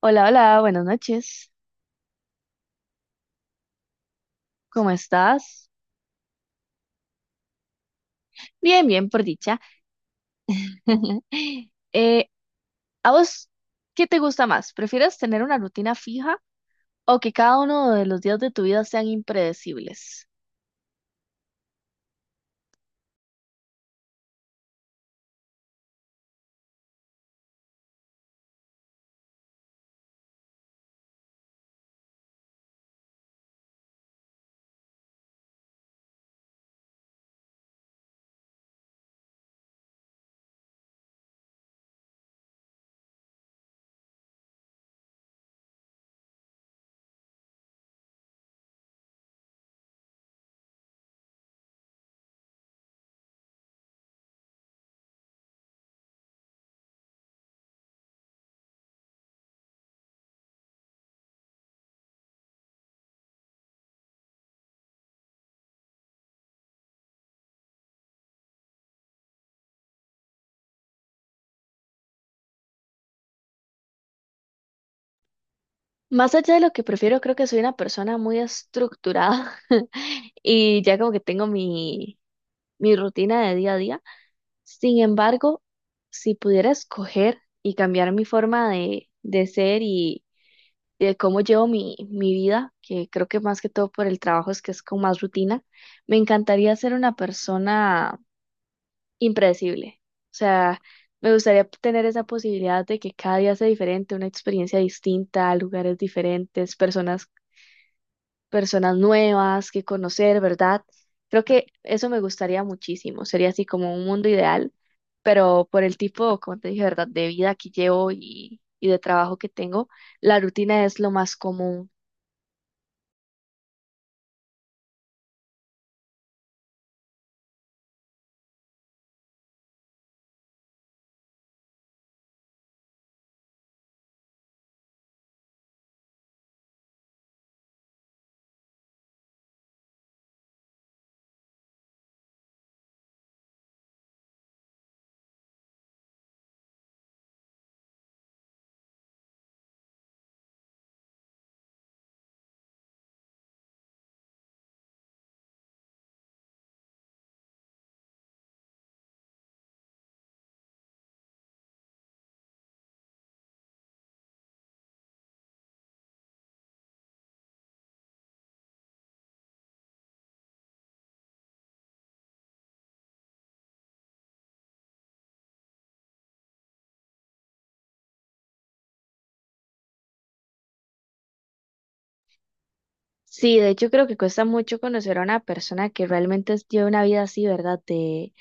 Hola, hola, buenas noches. ¿Cómo estás? Bien, bien, por dicha. Eh, ¿a vos qué te gusta más? ¿Prefieres tener una rutina fija o que cada uno de los días de tu vida sean impredecibles? Más allá de lo que prefiero, creo que soy una persona muy estructurada y ya como que tengo mi rutina de día a día. Sin embargo, si pudiera escoger y cambiar mi forma de ser y de cómo llevo mi vida, que creo que más que todo por el trabajo es que es con más rutina, me encantaría ser una persona impredecible. O sea, me gustaría tener esa posibilidad de que cada día sea diferente, una experiencia distinta, lugares diferentes, personas nuevas que conocer, ¿verdad? Creo que eso me gustaría muchísimo. Sería así como un mundo ideal, pero por el tipo, como te dije, ¿verdad? De vida que llevo y de trabajo que tengo, la rutina es lo más común. Sí, de hecho creo que cuesta mucho conocer a una persona que realmente lleva una vida así, ¿verdad?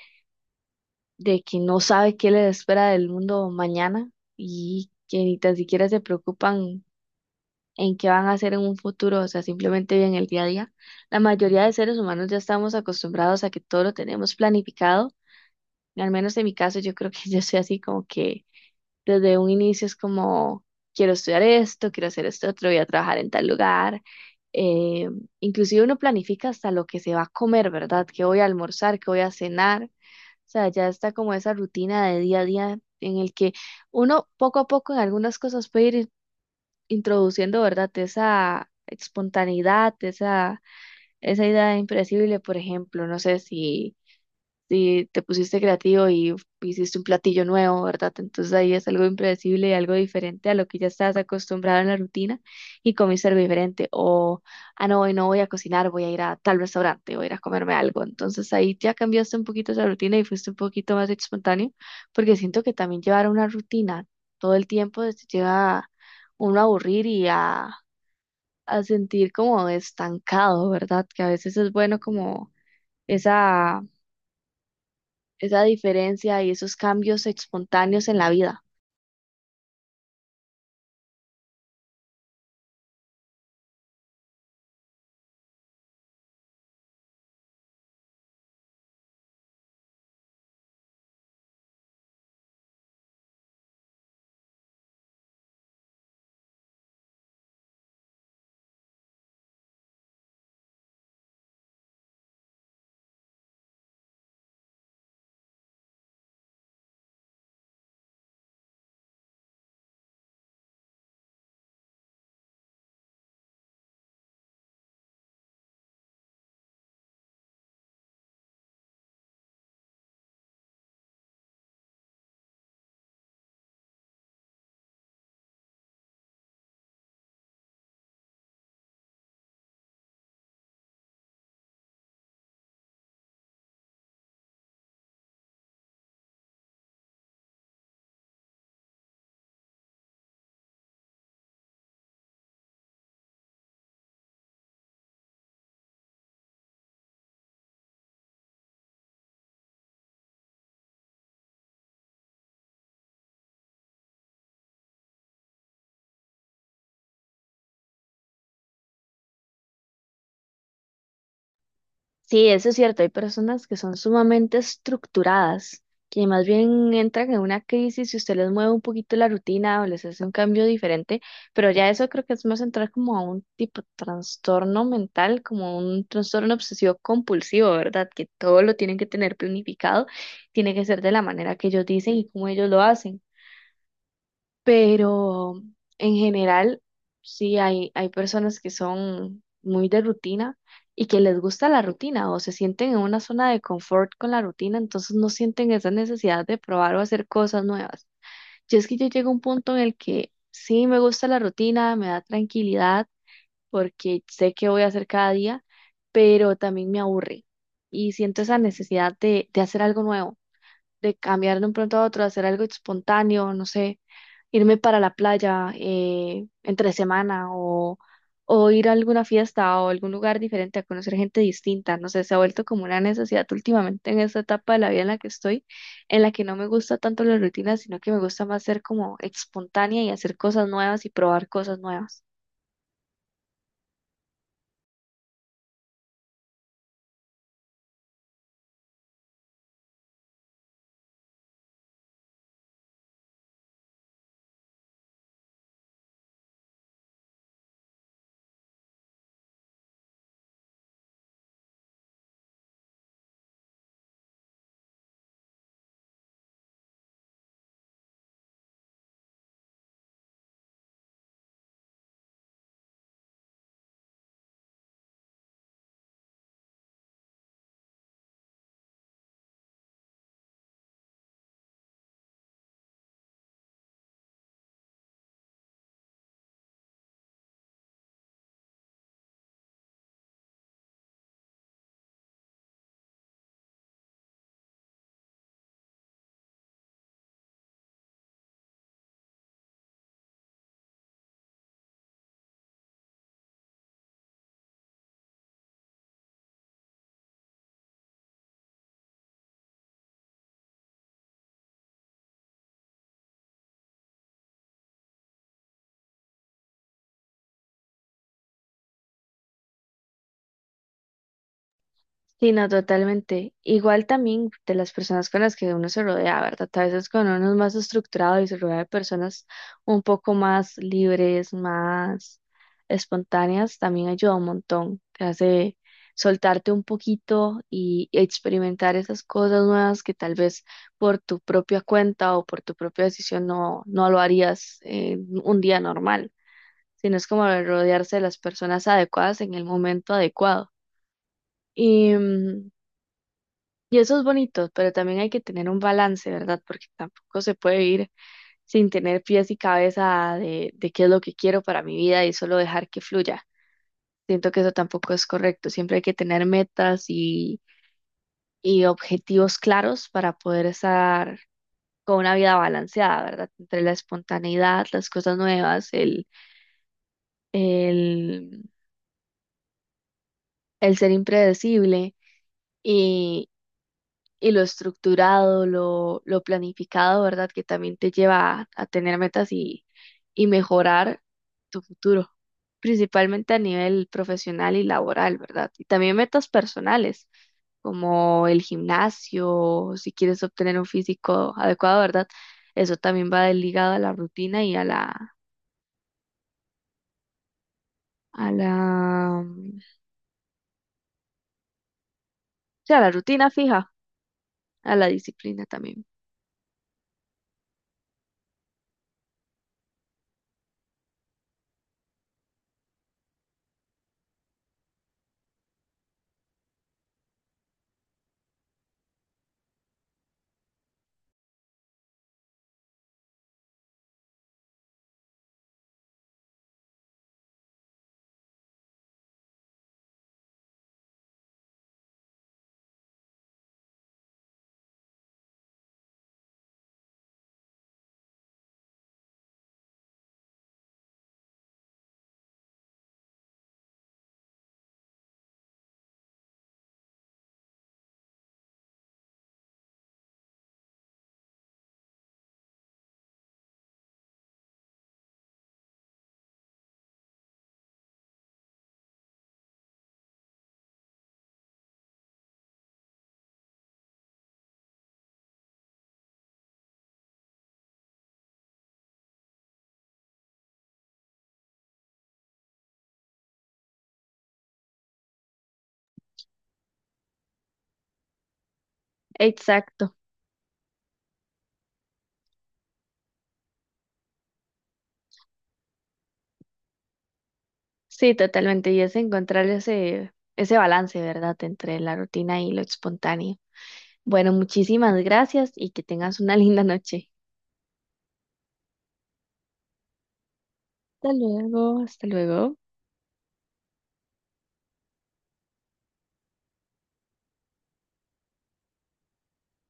De que no sabe qué le espera del mundo mañana y que ni tan siquiera se preocupan en qué van a hacer en un futuro, o sea, simplemente viven el día a día. La mayoría de seres humanos ya estamos acostumbrados a que todo lo tenemos planificado. Al menos en mi caso, yo creo que yo soy así como que desde un inicio es como, quiero estudiar esto, quiero hacer esto otro, voy a trabajar en tal lugar. Eh, Inclusive uno planifica hasta lo que se va a comer, ¿verdad? ¿Qué voy a almorzar? ¿Qué voy a cenar? O sea, ya está como esa rutina de día a día en el que uno poco a poco en algunas cosas puede ir introduciendo, ¿verdad? Esa espontaneidad, esa idea impredecible, por ejemplo, no sé si te pusiste creativo y hiciste un platillo nuevo, ¿verdad? Entonces ahí es algo impredecible y algo diferente a lo que ya estás acostumbrado en la rutina y comiste algo diferente. O, ah, no, hoy no voy a cocinar, voy a ir a tal restaurante, voy a ir a comerme algo. Entonces ahí ya cambiaste un poquito esa rutina y fuiste un poquito más espontáneo, porque siento que también llevar una rutina todo el tiempo te lleva uno a aburrir y a sentir como estancado, ¿verdad? Que a veces es bueno como esa esa diferencia y esos cambios espontáneos en la vida. Sí, eso es cierto, hay personas que son sumamente estructuradas, que más bien entran en una crisis si usted les mueve un poquito la rutina o les hace un cambio diferente, pero ya eso creo que es más entrar como a un tipo de trastorno mental, como un trastorno obsesivo compulsivo, ¿verdad? Que todo lo tienen que tener planificado, tiene que ser de la manera que ellos dicen y como ellos lo hacen. Pero en general sí hay personas que son muy de rutina y que les gusta la rutina o se sienten en una zona de confort con la rutina, entonces no sienten esa necesidad de probar o hacer cosas nuevas. Yo es que yo llego a un punto en el que sí me gusta la rutina, me da tranquilidad porque sé qué voy a hacer cada día, pero también me aburre y siento esa necesidad de hacer algo nuevo de cambiar de un pronto a otro, hacer algo espontáneo, no sé, irme para la playa entre semana o ir a alguna fiesta o algún lugar diferente a conocer gente distinta, no sé, se ha vuelto como una necesidad últimamente en esta etapa de la vida en la que estoy, en la que no me gusta tanto la rutina, sino que me gusta más ser como espontánea y hacer cosas nuevas y probar cosas nuevas. Sí, no, totalmente. Igual también de las personas con las que uno se rodea, ¿verdad? A veces cuando uno es más estructurado y se rodea de personas un poco más libres, más espontáneas, también ayuda un montón. Te hace soltarte un poquito y experimentar esas cosas nuevas que tal vez por tu propia cuenta o por tu propia decisión no lo harías en un día normal, sino es como rodearse de las personas adecuadas en el momento adecuado. Y eso es bonito, pero también hay que tener un balance, ¿verdad? Porque tampoco se puede ir sin tener pies y cabeza de qué es lo que quiero para mi vida y solo dejar que fluya. Siento que eso tampoco es correcto. Siempre hay que tener metas y objetivos claros para poder estar con una vida balanceada, ¿verdad? Entre la espontaneidad, las cosas nuevas, el, el ser impredecible y lo estructurado, lo planificado, ¿verdad? Que también te lleva a tener metas y mejorar tu futuro, principalmente a nivel profesional y laboral, ¿verdad? Y también metas personales, como el gimnasio, si quieres obtener un físico adecuado, ¿verdad? Eso también va ligado a la rutina y a a la, sí, a la rutina fija, a la disciplina también. Exacto. Sí, totalmente. Y es encontrar ese balance, ¿verdad?, entre la rutina y lo espontáneo. Bueno, muchísimas gracias y que tengas una linda noche. Hasta luego, hasta luego.